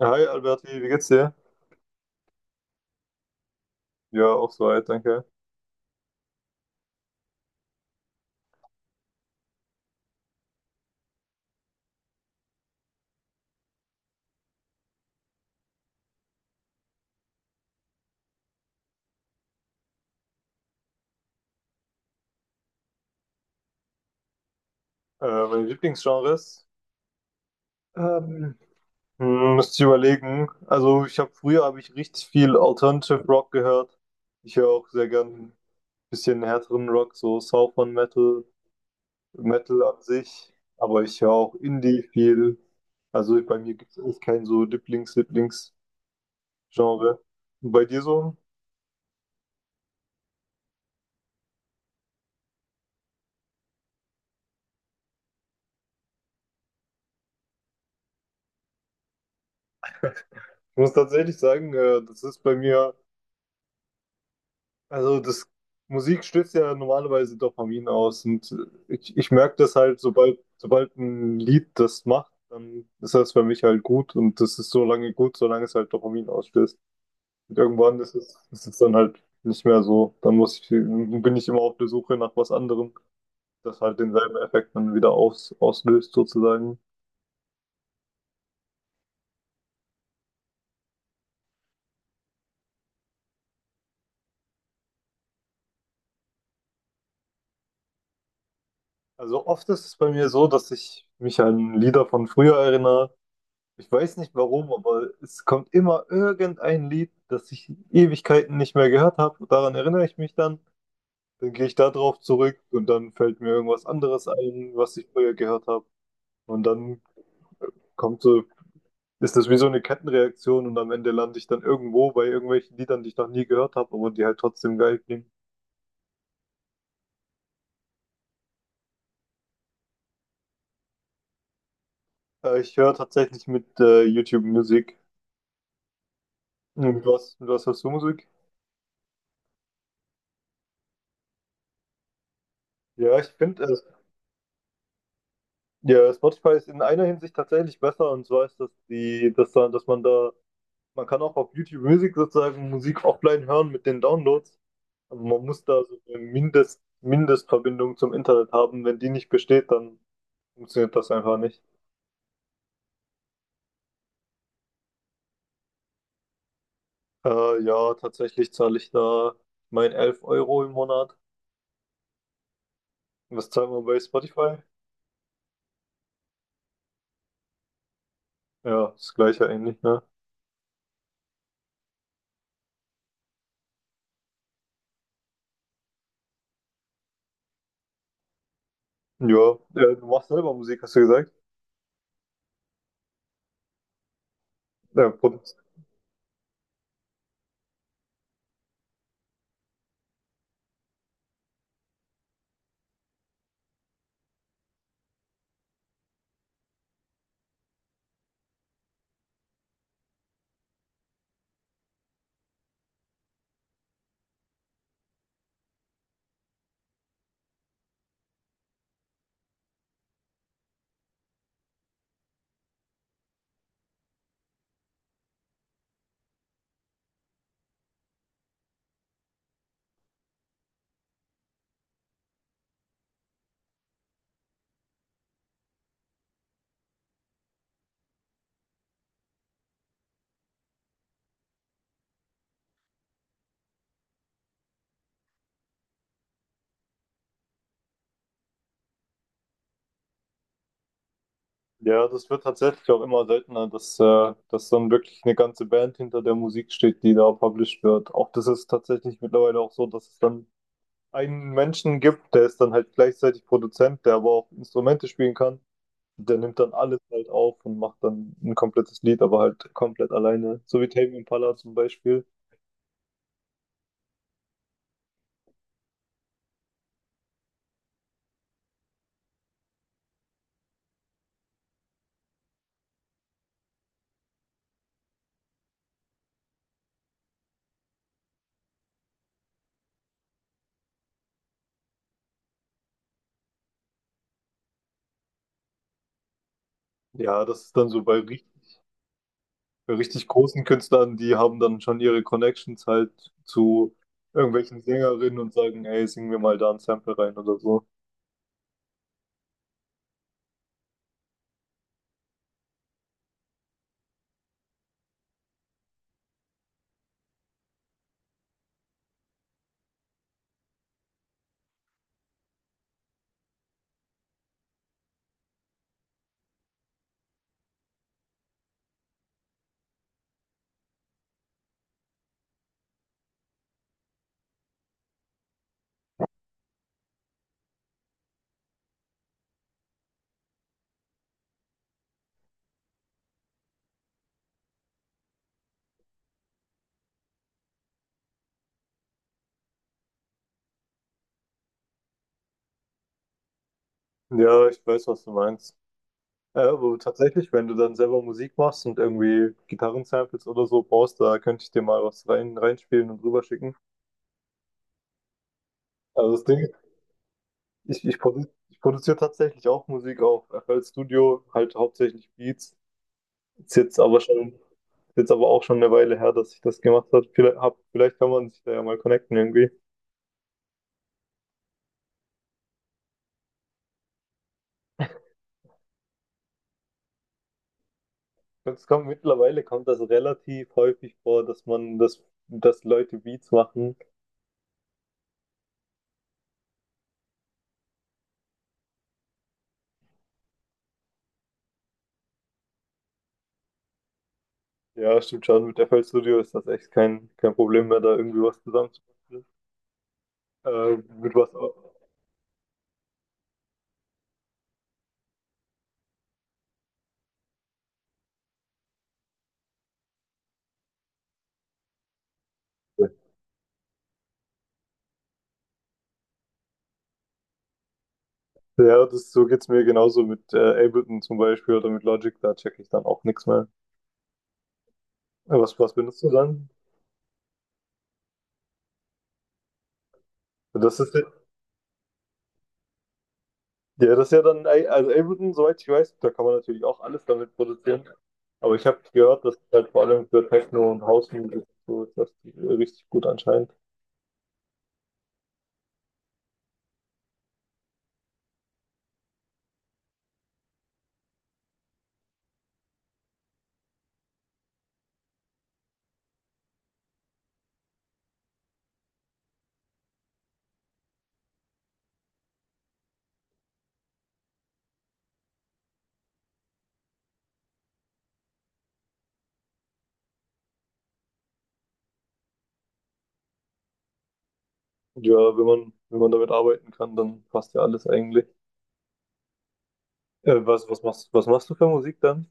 Hi Alberti, wie geht's dir? Ja, auch soweit, danke. Meine Lieblingsgenres? Ähm, Müsste ich überlegen. Also ich habe früher habe ich richtig viel Alternative Rock gehört. Ich höre auch sehr gern ein bisschen härteren Rock, so Southern Metal, Metal an sich. Aber ich höre auch Indie viel. Also bei mir gibt es echt kein so Lieblings-Lieblings-Genre. Und bei dir so? Ich muss tatsächlich sagen, das ist bei mir. Also das Musik stößt ja normalerweise Dopamin aus und ich merke das halt, sobald ein Lied das macht, dann ist das für mich halt gut und das ist so lange gut, solange es halt Dopamin ausstößt. Und irgendwann ist es dann halt nicht mehr so. Dann bin ich immer auf der Suche nach was anderem, das halt denselben Effekt dann wieder auslöst sozusagen. Also oft ist es bei mir so, dass ich mich an Lieder von früher erinnere. Ich weiß nicht warum, aber es kommt immer irgendein Lied, das ich Ewigkeiten nicht mehr gehört habe. Daran erinnere ich mich dann. Dann gehe ich da drauf zurück und dann fällt mir irgendwas anderes ein, was ich früher gehört habe. Und dann kommt so, ist das wie so eine Kettenreaktion und am Ende lande ich dann irgendwo bei irgendwelchen Liedern, die ich noch nie gehört habe, aber die halt trotzdem geil klingen. Ich höre tatsächlich mit YouTube Musik. Und was, was hörst du Musik? Ja, ich finde, Ja, Spotify ist in einer Hinsicht tatsächlich besser, und zwar ist, das die, dass da, dass man da, man kann auch auf YouTube Music sozusagen Musik offline hören mit den Downloads, aber man muss da so eine Mindestverbindung zum Internet haben. Wenn die nicht besteht, dann funktioniert das einfach nicht. Ja, tatsächlich zahle ich da mein 11 Euro im Monat. Was zahlen wir bei Spotify? Ja, das gleiche eigentlich, ne? Ja, du machst selber Musik, hast du gesagt? Ja, produ Ja, das wird tatsächlich auch immer seltener, dass dann wirklich eine ganze Band hinter der Musik steht, die da published wird. Auch das ist tatsächlich mittlerweile auch so, dass es dann einen Menschen gibt, der ist dann halt gleichzeitig Produzent, der aber auch Instrumente spielen kann. Der nimmt dann alles halt auf und macht dann ein komplettes Lied, aber halt komplett alleine. So wie Tame Impala zum Beispiel. Ja, das ist dann so bei richtig großen Künstlern, die haben dann schon ihre Connections halt zu irgendwelchen Sängerinnen und sagen, ey, sing mir mal da ein Sample rein oder so. Ja, ich weiß, was du meinst. Ja, aber tatsächlich, wenn du dann selber Musik machst und irgendwie Gitarrensamples oder so brauchst, da könnte ich dir mal was reinspielen und rüberschicken. Also das Ding, ich produziere tatsächlich auch Musik auf FL Studio, halt hauptsächlich Beats. Ist jetzt aber auch schon eine Weile her, dass ich das gemacht habe. Vielleicht kann man sich da ja mal connecten irgendwie. Es kommt mittlerweile kommt das relativ häufig vor, dass Leute Beats machen. Ja, stimmt schon. Mit FL Studio ist das echt kein Problem mehr, da irgendwie was zusammenzubasteln. Mit was auch. Ja, das, so geht's mir genauso mit Ableton zum Beispiel oder mit Logic, da checke ich dann auch nichts mehr. Was, was benutzt du dann? Das ist, ja, ja, das ist ja dann, also Ableton, soweit ich weiß, da kann man natürlich auch alles damit produzieren. Aber ich habe gehört, dass halt vor allem für Techno und Housemusik so ist das richtig gut anscheinend. Und ja, wenn man damit arbeiten kann, dann passt ja alles eigentlich. Was machst du für Musik dann?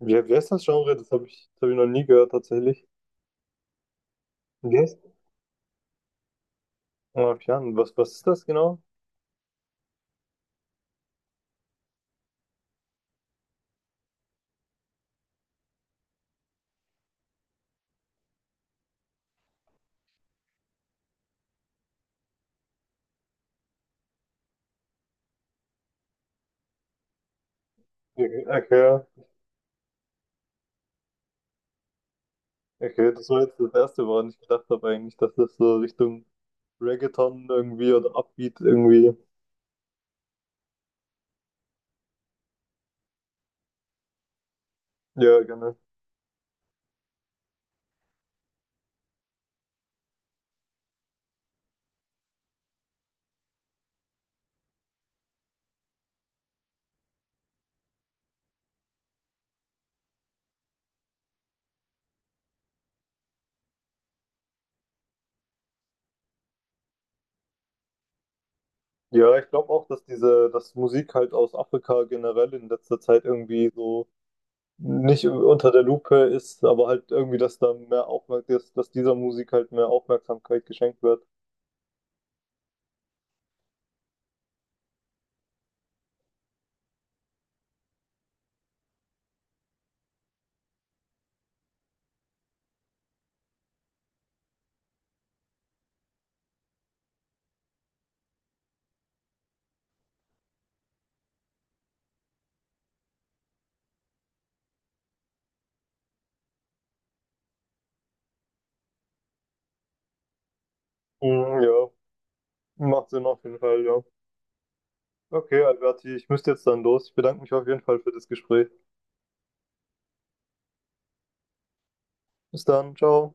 Wie heißt das Genre? Das hab ich noch nie gehört, tatsächlich. Wie heißt Mafian? Was ist das genau? Okay, okay, okay, das war jetzt das Erste, woran ich gedacht habe eigentlich, dass das so Richtung Reggaeton irgendwie oder Upbeat irgendwie. Ja, gerne. Ja, ich glaube auch, dass dass Musik halt aus Afrika generell in letzter Zeit irgendwie so nicht unter der Lupe ist, aber halt irgendwie, dass da mehr Aufmerksamkeit, dass dieser Musik halt mehr Aufmerksamkeit geschenkt wird. Mhm, ja, macht Sinn auf jeden Fall, ja. Okay, Alberti, ich müsste jetzt dann los. Ich bedanke mich auf jeden Fall für das Gespräch. Bis dann, ciao.